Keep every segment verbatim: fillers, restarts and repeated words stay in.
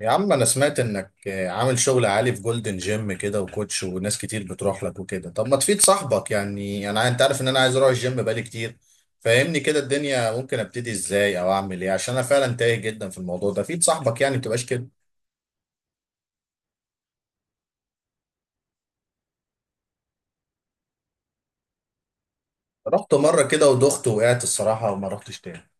يا عم انا سمعت انك عامل شغل عالي في جولدن جيم كده وكوتش وناس كتير بتروح لك وكده. طب ما تفيد صاحبك يعني، انا انت عارف ان انا عايز اروح الجيم بقالي كتير، فاهمني. كده الدنيا ممكن ابتدي ازاي او اعمل ايه؟ عشان انا فعلا تايه جدا في الموضوع ده. فيد صاحبك يعني، ما تبقاش كده. رحت مرة كده ودخت وقعت الصراحة وما رحتش تاني.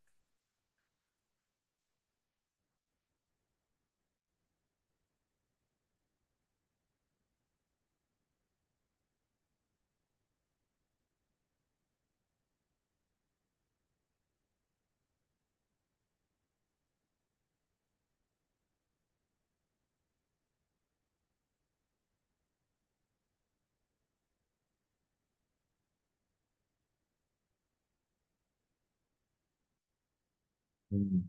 مم.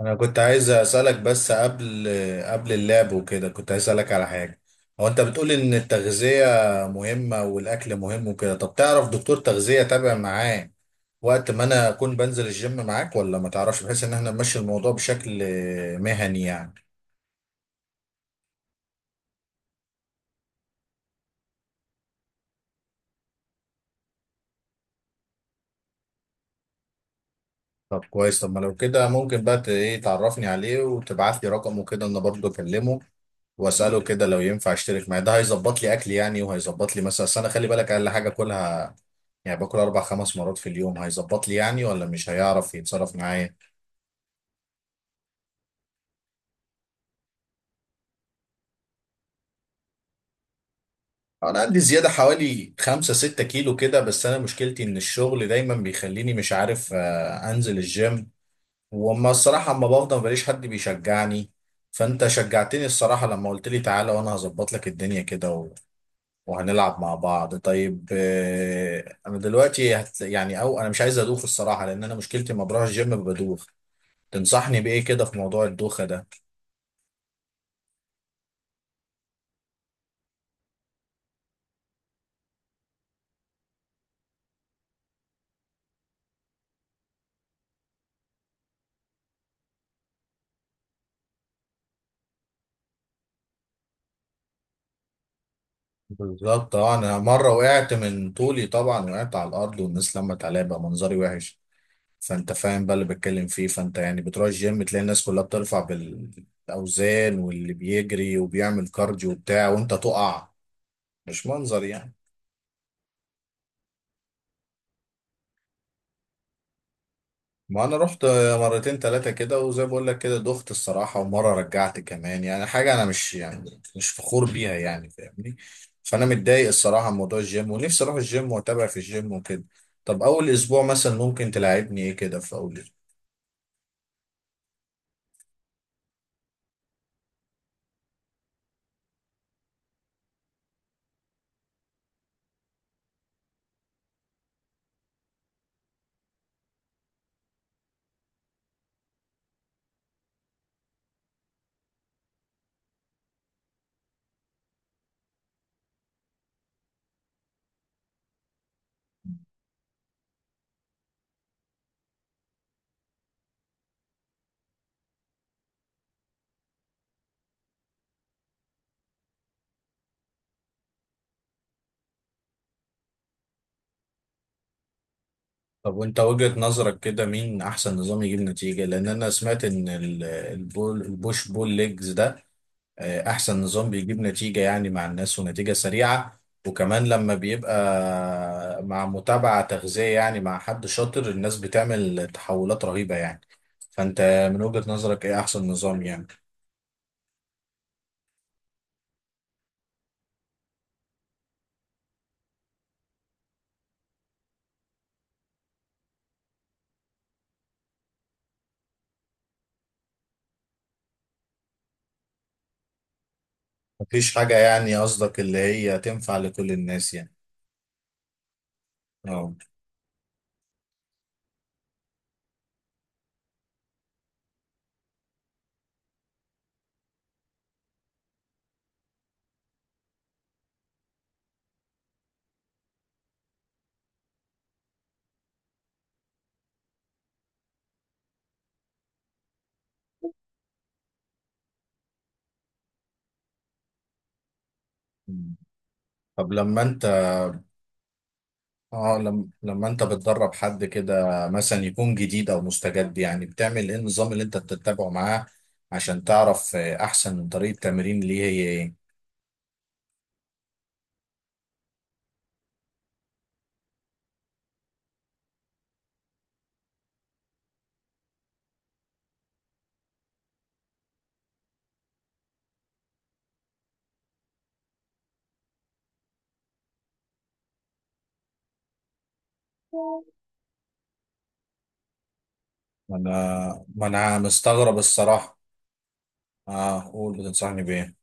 انا كنت عايز اسالك بس قبل قبل اللعب وكده كنت عايز اسالك على حاجه. هو انت بتقول ان التغذيه مهمه والاكل مهم وكده، طب تعرف دكتور تغذيه تابع معاه وقت ما انا اكون بنزل الجيم معاك ولا ما تعرفش، بحيث ان احنا نمشي الموضوع بشكل مهني يعني. طب كويس. طب ما لو كده ممكن بقى ت- ايه تعرفني عليه وتبعت لي رقمه كده، انا برضه اكلمه واساله كده لو ينفع اشترك معاه، ده هيظبط لي اكل يعني وهيظبط لي مثلا. أصل انا خلي بالك اقل حاجه اكلها يعني باكل اربع خمس مرات في اليوم، هيظبط لي يعني ولا مش هيعرف يتصرف معايا؟ انا عندي زيادة حوالي خمسة ستة كيلو كده، بس انا مشكلتي ان الشغل دايما بيخليني مش عارف آه، انزل الجيم. وما الصراحة اما بفضل مبلاقيش حد بيشجعني. فانت شجعتني الصراحة لما قلت لي تعالى وانا هظبط لك الدنيا كده و... وهنلعب مع بعض. طيب آه، انا دلوقتي هت... يعني، او انا مش عايز ادوخ الصراحة، لان انا مشكلتي لما بروح الجيم بدوخ. تنصحني بايه كده في موضوع الدوخة ده؟ بالظبط. اه انا مره وقعت من طولي طبعا، وقعت على الارض والناس لمت عليا بقى، منظري وحش. فانت فاهم بقى اللي بتكلم فيه. فانت يعني بتروح الجيم تلاقي الناس كلها بترفع بالاوزان واللي بيجري وبيعمل كارديو وبتاع، وانت تقع. مش منظر يعني. ما انا رحت مرتين ثلاثه كده، وزي ما بقول لك كده دخت الصراحه، ومره رجعت كمان، يعني حاجه انا مش يعني مش فخور بيها يعني، فاهمني. فانا متضايق الصراحه من موضوع الجيم، ونفسي اروح الجيم واتابع في الجيم وكده. طب اول اسبوع مثلا ممكن تلاعبني ايه كده في اول اسبوع؟ طب وانت وجهه نظرك كده مين احسن نظام يجيب نتيجه؟ لان انا سمعت ان ال- البول البوش بول ليجز ده آه، احسن نظام بيجيب نتيجة يعني مع الناس ونتيجة سريعة، وكمان لما بيبقى مع متابعة تغذية يعني مع حد شاطر، الناس بتعمل تحولات رهيبة يعني. فانت من وجهة نظرك ايه احسن نظام يعني؟ مفيش حاجة يعني، قصدك اللي هي تنفع لكل الناس يعني؟ اه. طب لما انت اه لما لما انت بتدرب حد كده مثلا يكون جديد او مستجد يعني، بتعمل ايه؟ النظام اللي انت بتتبعه معاه عشان تعرف آه، احسن طريقة تمرين ليه هي ايه؟ ما انا ما انا مستغرب الصراحة. اه قول، بتنصحني بايه؟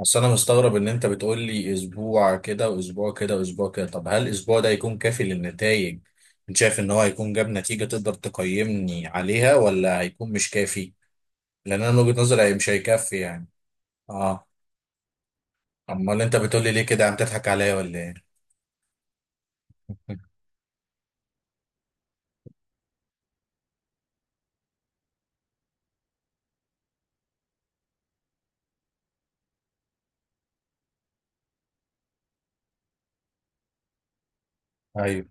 بس انا مستغرب ان انت بتقول لي اسبوع كده واسبوع كده واسبوع كده، طب هل الاسبوع ده يكون كافي للنتائج؟ انت شايف ان هو هيكون جاب نتيجة تقدر تقيمني عليها، ولا هيكون مش كافي؟ لان انا من وجهة نظري هي- مش هيكفي يعني. اه. امال انت بتقولي ليه كده، عم تضحك عليا ولا ايه؟ ايوه.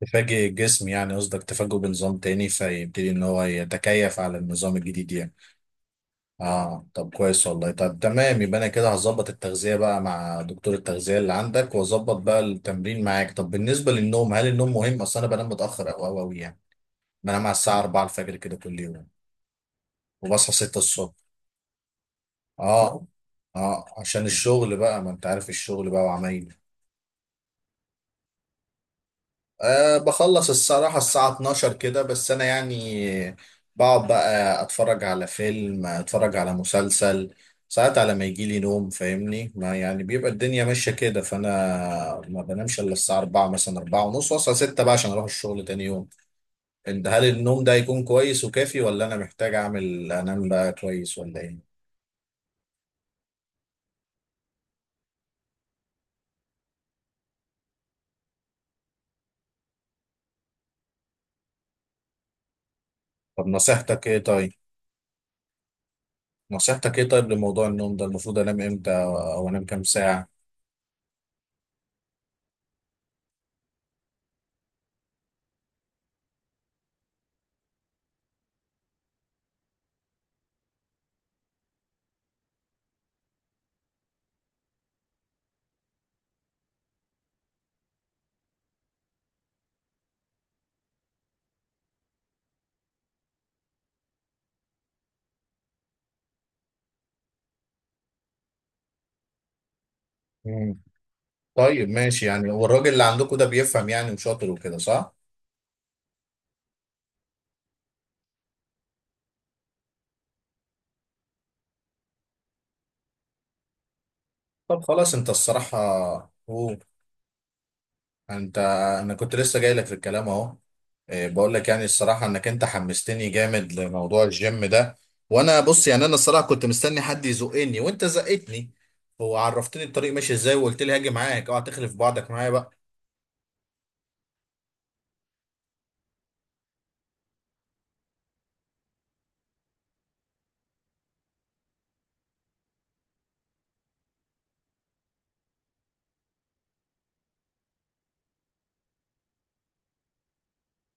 تفاجئ الجسم يعني، قصدك تفاجئه بنظام تاني فيبتدي ان هو يتكيف على النظام الجديد يعني. اه طب كويس والله. طب تمام، يبقى انا كده هظبط التغذية بقى مع دكتور التغذية اللي عندك، واظبط بقى التمرين معاك. طب بالنسبة للنوم، هل النوم مهم؟ اصل انا بنام متأخر او او أوي يعني، بنام على الساعة أربعة الفجر كده كل يوم، وبصحى ستة الصبح. اه اه، عشان الشغل بقى ما انت عارف الشغل بقى وعمايل. أه بخلص الصراحة الساعة اتناشر كده، بس أنا يعني بقعد بقى أتفرج على فيلم، أتفرج على مسلسل ساعات على ما يجيلي نوم، فاهمني؟ ما يعني بيبقى الدنيا ماشية كده، فأنا ما بنامش إلا الساعة أربعة مثلا أربعة ونص، وأصحى ستة بقى عشان أروح الشغل تاني يوم. أنت هل النوم ده يكون كويس وكافي، ولا أنا محتاج أعمل أنام بقى كويس، ولا إيه؟ طب نصيحتك إيه طيب؟ نصيحتك إيه طيب لموضوع النوم ده؟ المفروض أنام إمتى أو أنام كام ساعة؟ طيب ماشي يعني. والراجل اللي عندكم ده بيفهم يعني وشاطر وكده، صح؟ طب خلاص. انت الصراحة... هو انت... انا كنت لسه جاي لك في الكلام اهو. إيه، بقول لك يعني الصراحة انك انت حمستني جامد لموضوع الجيم ده. وانا بص يعني، انا الصراحة كنت مستني حد يزقني وانت زقتني، وعرفتني الطريق ماشي ازاي، وقلت لي هاجي معاك، اوعى تخلف بعضك معايا بقى.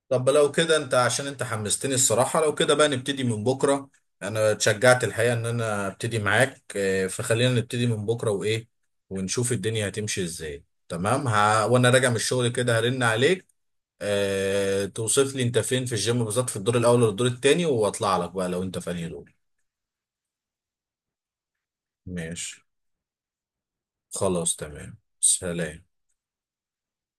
طب لو كده انت عشان انت حمستني الصراحة، لو كده بقى نبتدي من بكرة. انا اتشجعت الحقيقة ان انا ابتدي معاك اه، فخلينا نبتدي من بكرة وايه، ونشوف الدنيا هتمشي ازاي. تمام. ه... وانا راجع من الشغل كده هرن عليك، اه... توصف لي انت فين في الجيم بالظبط، في الدور الاول ولا الدور التاني، واطلع لك بقى لو انت في انهي دور. ماشي خلاص تمام، سلام.